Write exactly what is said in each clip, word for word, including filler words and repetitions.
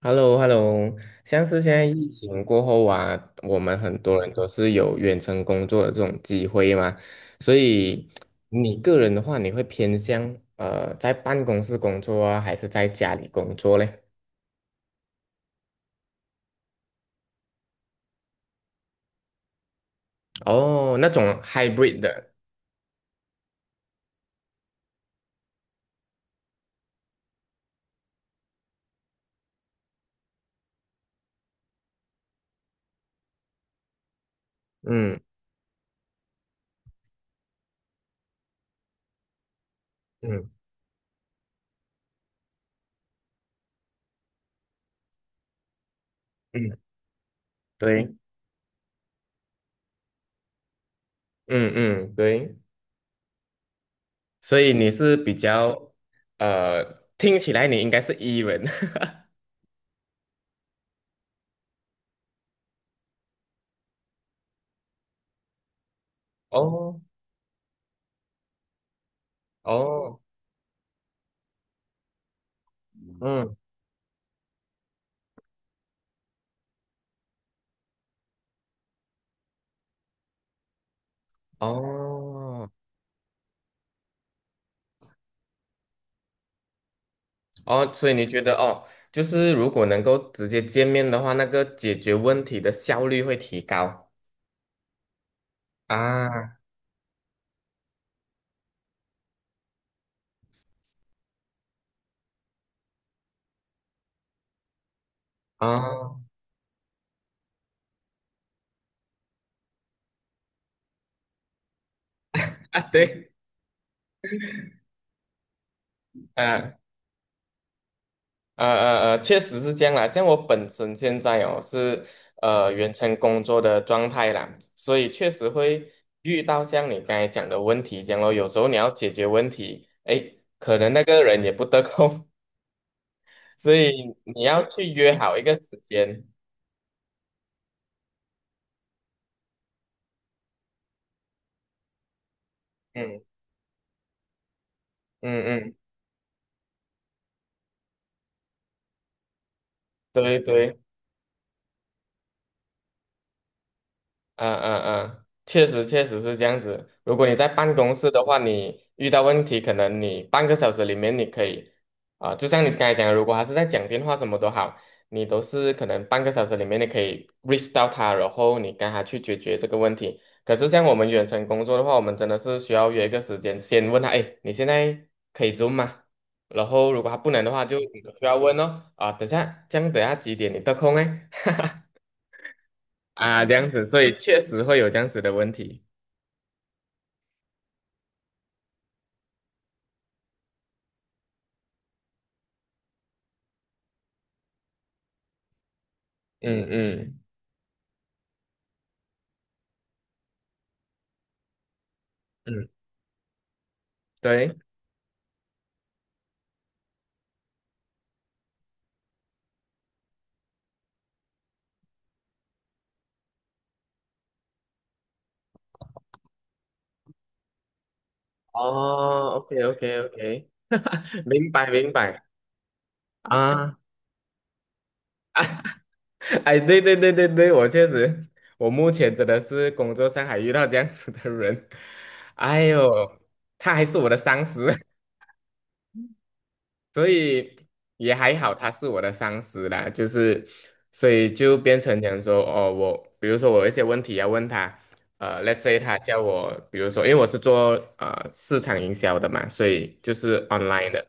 h e l l o h e l l o 像是现在疫情过后啊，我们很多人都是有远程工作的这种机会嘛，所以你个人的话，你会偏向呃在办公室工作啊，还是在家里工作嘞？哦，那种 hybrid 的，嗯嗯嗯，对，嗯嗯对，所以你是比较呃，听起来你应该是 E 人，哦哦，嗯哦。哦，所以你觉得哦，就是如果能够直接见面的话，那个解决问题的效率会提高啊啊啊，对，啊呃呃呃，确实是这样啦。像我本身现在哦是呃远程工作的状态啦，所以确实会遇到像你刚才讲的问题这样咯。有时候你要解决问题，哎，可能那个人也不得空，所以你要去约好一个时间。嗯嗯嗯，对对。嗯嗯嗯，确实确实是这样子。如果你在办公室的话，你遇到问题，可能你半个小时里面你可以，啊、就像你刚才讲的，如果他是在讲电话什么都好，你都是可能半个小时里面你可以 reach 到他，然后你跟他去解决这个问题。可是像我们远程工作的话，我们真的是需要约一个时间，先问他，哎，你现在可以 Zoom 吗？然后如果他不能的话，就你需要问哦，啊，等下，这样等下几点你得空哎？啊，这样子，所以确实会有这样子的问题。嗯嗯嗯，对，哦，OK OK OK，明白明白啊，哎，对对对对对，我确实，我目前真的是工作上还遇到这样子的人，哎呦，他还是我的上司，所以也还好，他是我的上司啦，就是所以就变成讲说，哦，我比如说我有一些问题要问他，呃，let's say 他叫我，比如说因为我是做呃市场营销的嘛，所以就是 online 的，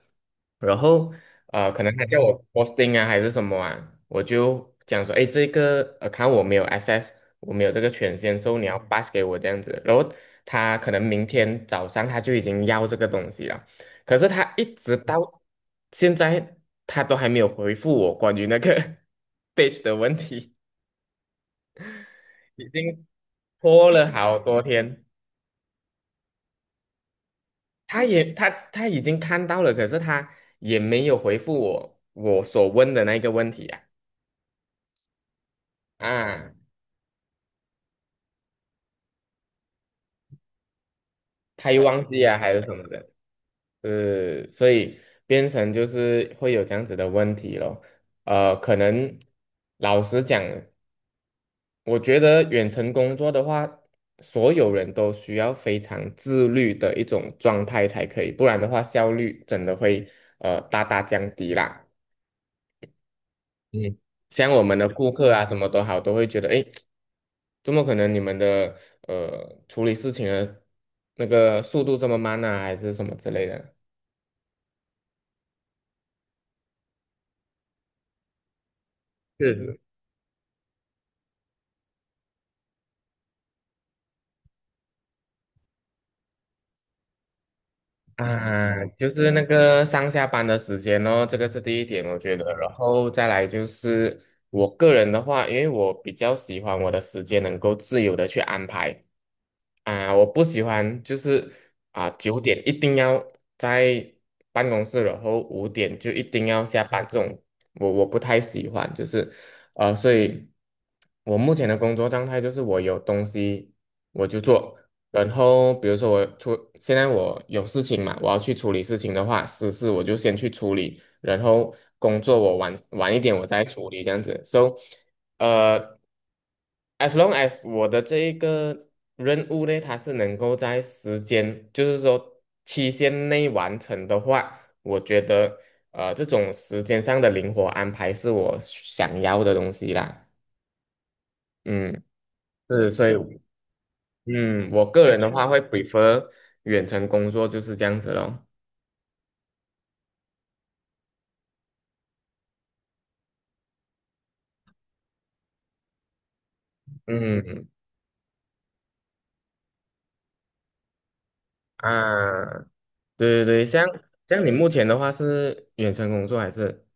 然后呃，可能他叫我 posting 啊还是什么啊，我就讲说，哎，这个呃，看我没有 access，我没有这个权限，所以你要 pass 给我这样子，然后他可能明天早上他就已经要这个东西了。可是他一直到现在，他都还没有回复我关于那个 page 的问题，已经拖了好多天。他也他他已经看到了，可是他也没有回复我我所问的那个问题啊啊，他又忘记啊，还有什么的，呃，所以变成就是会有这样子的问题咯。呃，可能老实讲。我觉得远程工作的话，所有人都需要非常自律的一种状态才可以，不然的话效率真的会呃大大降低啦。嗯，像我们的顾客啊，什么都好，都会觉得，诶，怎么可能你们的呃处理事情的那个速度这么慢呢，还是什么之类的？是啊，嗯就是那个上下班的时间哦，这个是第一点，我觉得。然后再来就是我个人的话，因为我比较喜欢我的时间能够自由的去安排。啊，我不喜欢就是啊九点一定要在办公室，然后五点就一定要下班这种，我我不太喜欢，就是啊，所以我目前的工作状态就是我有东西我就做，然后比如说我出，现在我有事情嘛，我要去处理事情的话，私事我就先去处理，然后工作我晚晚一点我再处理这样子，so 呃。as long as 我的这一个任务呢，它是能够在时间，就是说期限内完成的话，我觉得呃这种时间上的灵活安排是我想要的东西啦。嗯，是，所以嗯，我个人的话会 prefer 远程工作就是这样子咯。嗯啊，对对对，像像你目前的话是远程工作还是？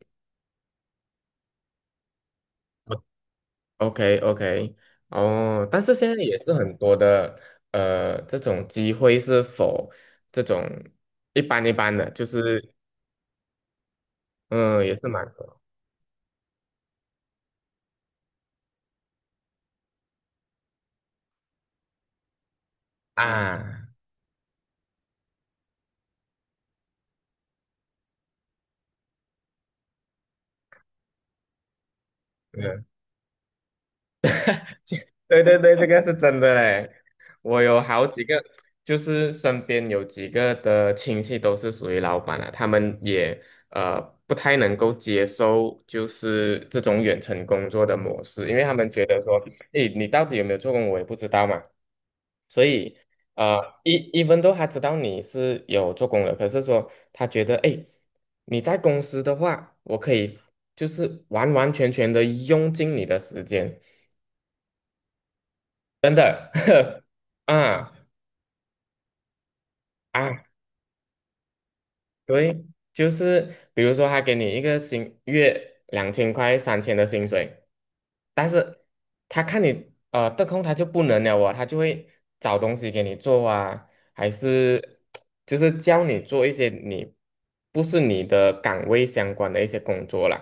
OK OK，哦，但是现在也是很多的，呃，这种机会是否这种一般一般的，就是嗯，也是蛮多啊，对对对，这个是真的嘞。我有好几个，就是身边有几个的亲戚都是属于老板啊，他们也呃不太能够接受就是这种远程工作的模式，因为他们觉得说，诶，你到底有没有做工，我也不知道嘛。所以，呃一一分 e n 他知道你是有做工的，可是说他觉得，哎，你在公司的话，我可以就是完完全全的用尽你的时间，真的 啊啊，对，就是比如说他给你一个薪月两千块、三千的薪水，他看你呃得空，他就不能了哦，他就会找东西给你做啊，还是就是教你做一些你不是你的岗位相关的一些工作啦，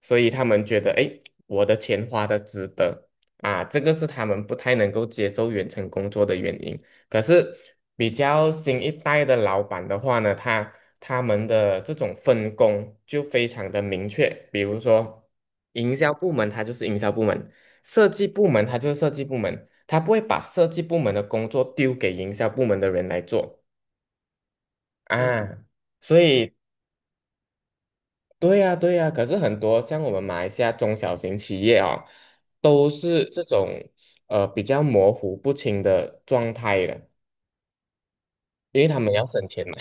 所以他们觉得诶，我的钱花的值得啊，这个是他们不太能够接受远程工作的原因。可是比较新一代的老板的话呢，他他们的这种分工就非常的明确，比如说营销部门，它就是营销部门。设计部门它就是设计部门，它不会把设计部门的工作丢给营销部门的人来做嗯啊。所以，对呀，对呀。可是很多像我们马来西亚中小型企业啊，都是这种呃比较模糊不清的状态的，因为他们要省钱嘛。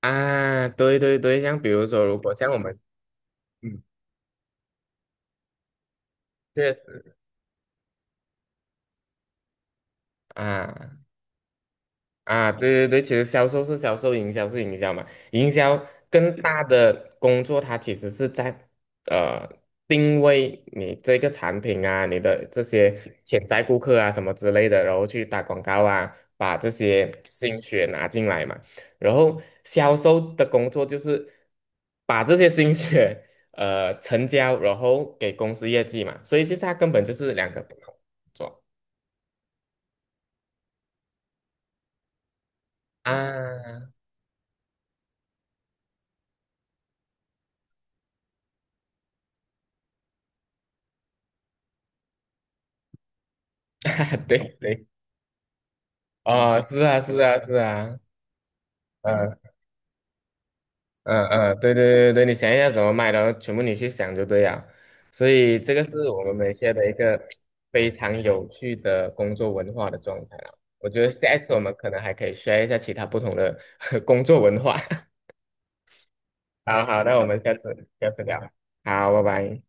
啊，对对对，像比如说，如果像我们，嗯，确实啊。啊，对对对，其实销售是销售，营销是营销嘛。营销更大的工作，它其实是在呃定位你这个产品啊，你的这些潜在顾客啊什么之类的，然后去打广告啊，把这些心血拿进来嘛。然后销售的工作就是把这些心血呃成交，然后给公司业绩嘛。所以其实它根本就是两个不同工作啊，对对。啊，是啊，是啊，是啊，嗯嗯嗯，对对对对，你想一下怎么卖的，然后全部你去想就对了。所以这个是我们马来西亚的一个非常有趣的工作文化的状态啊。我觉得下一次我们可能还可以 share 一下其他不同的 工作文化。好好，那我们下次下次聊。好，拜拜。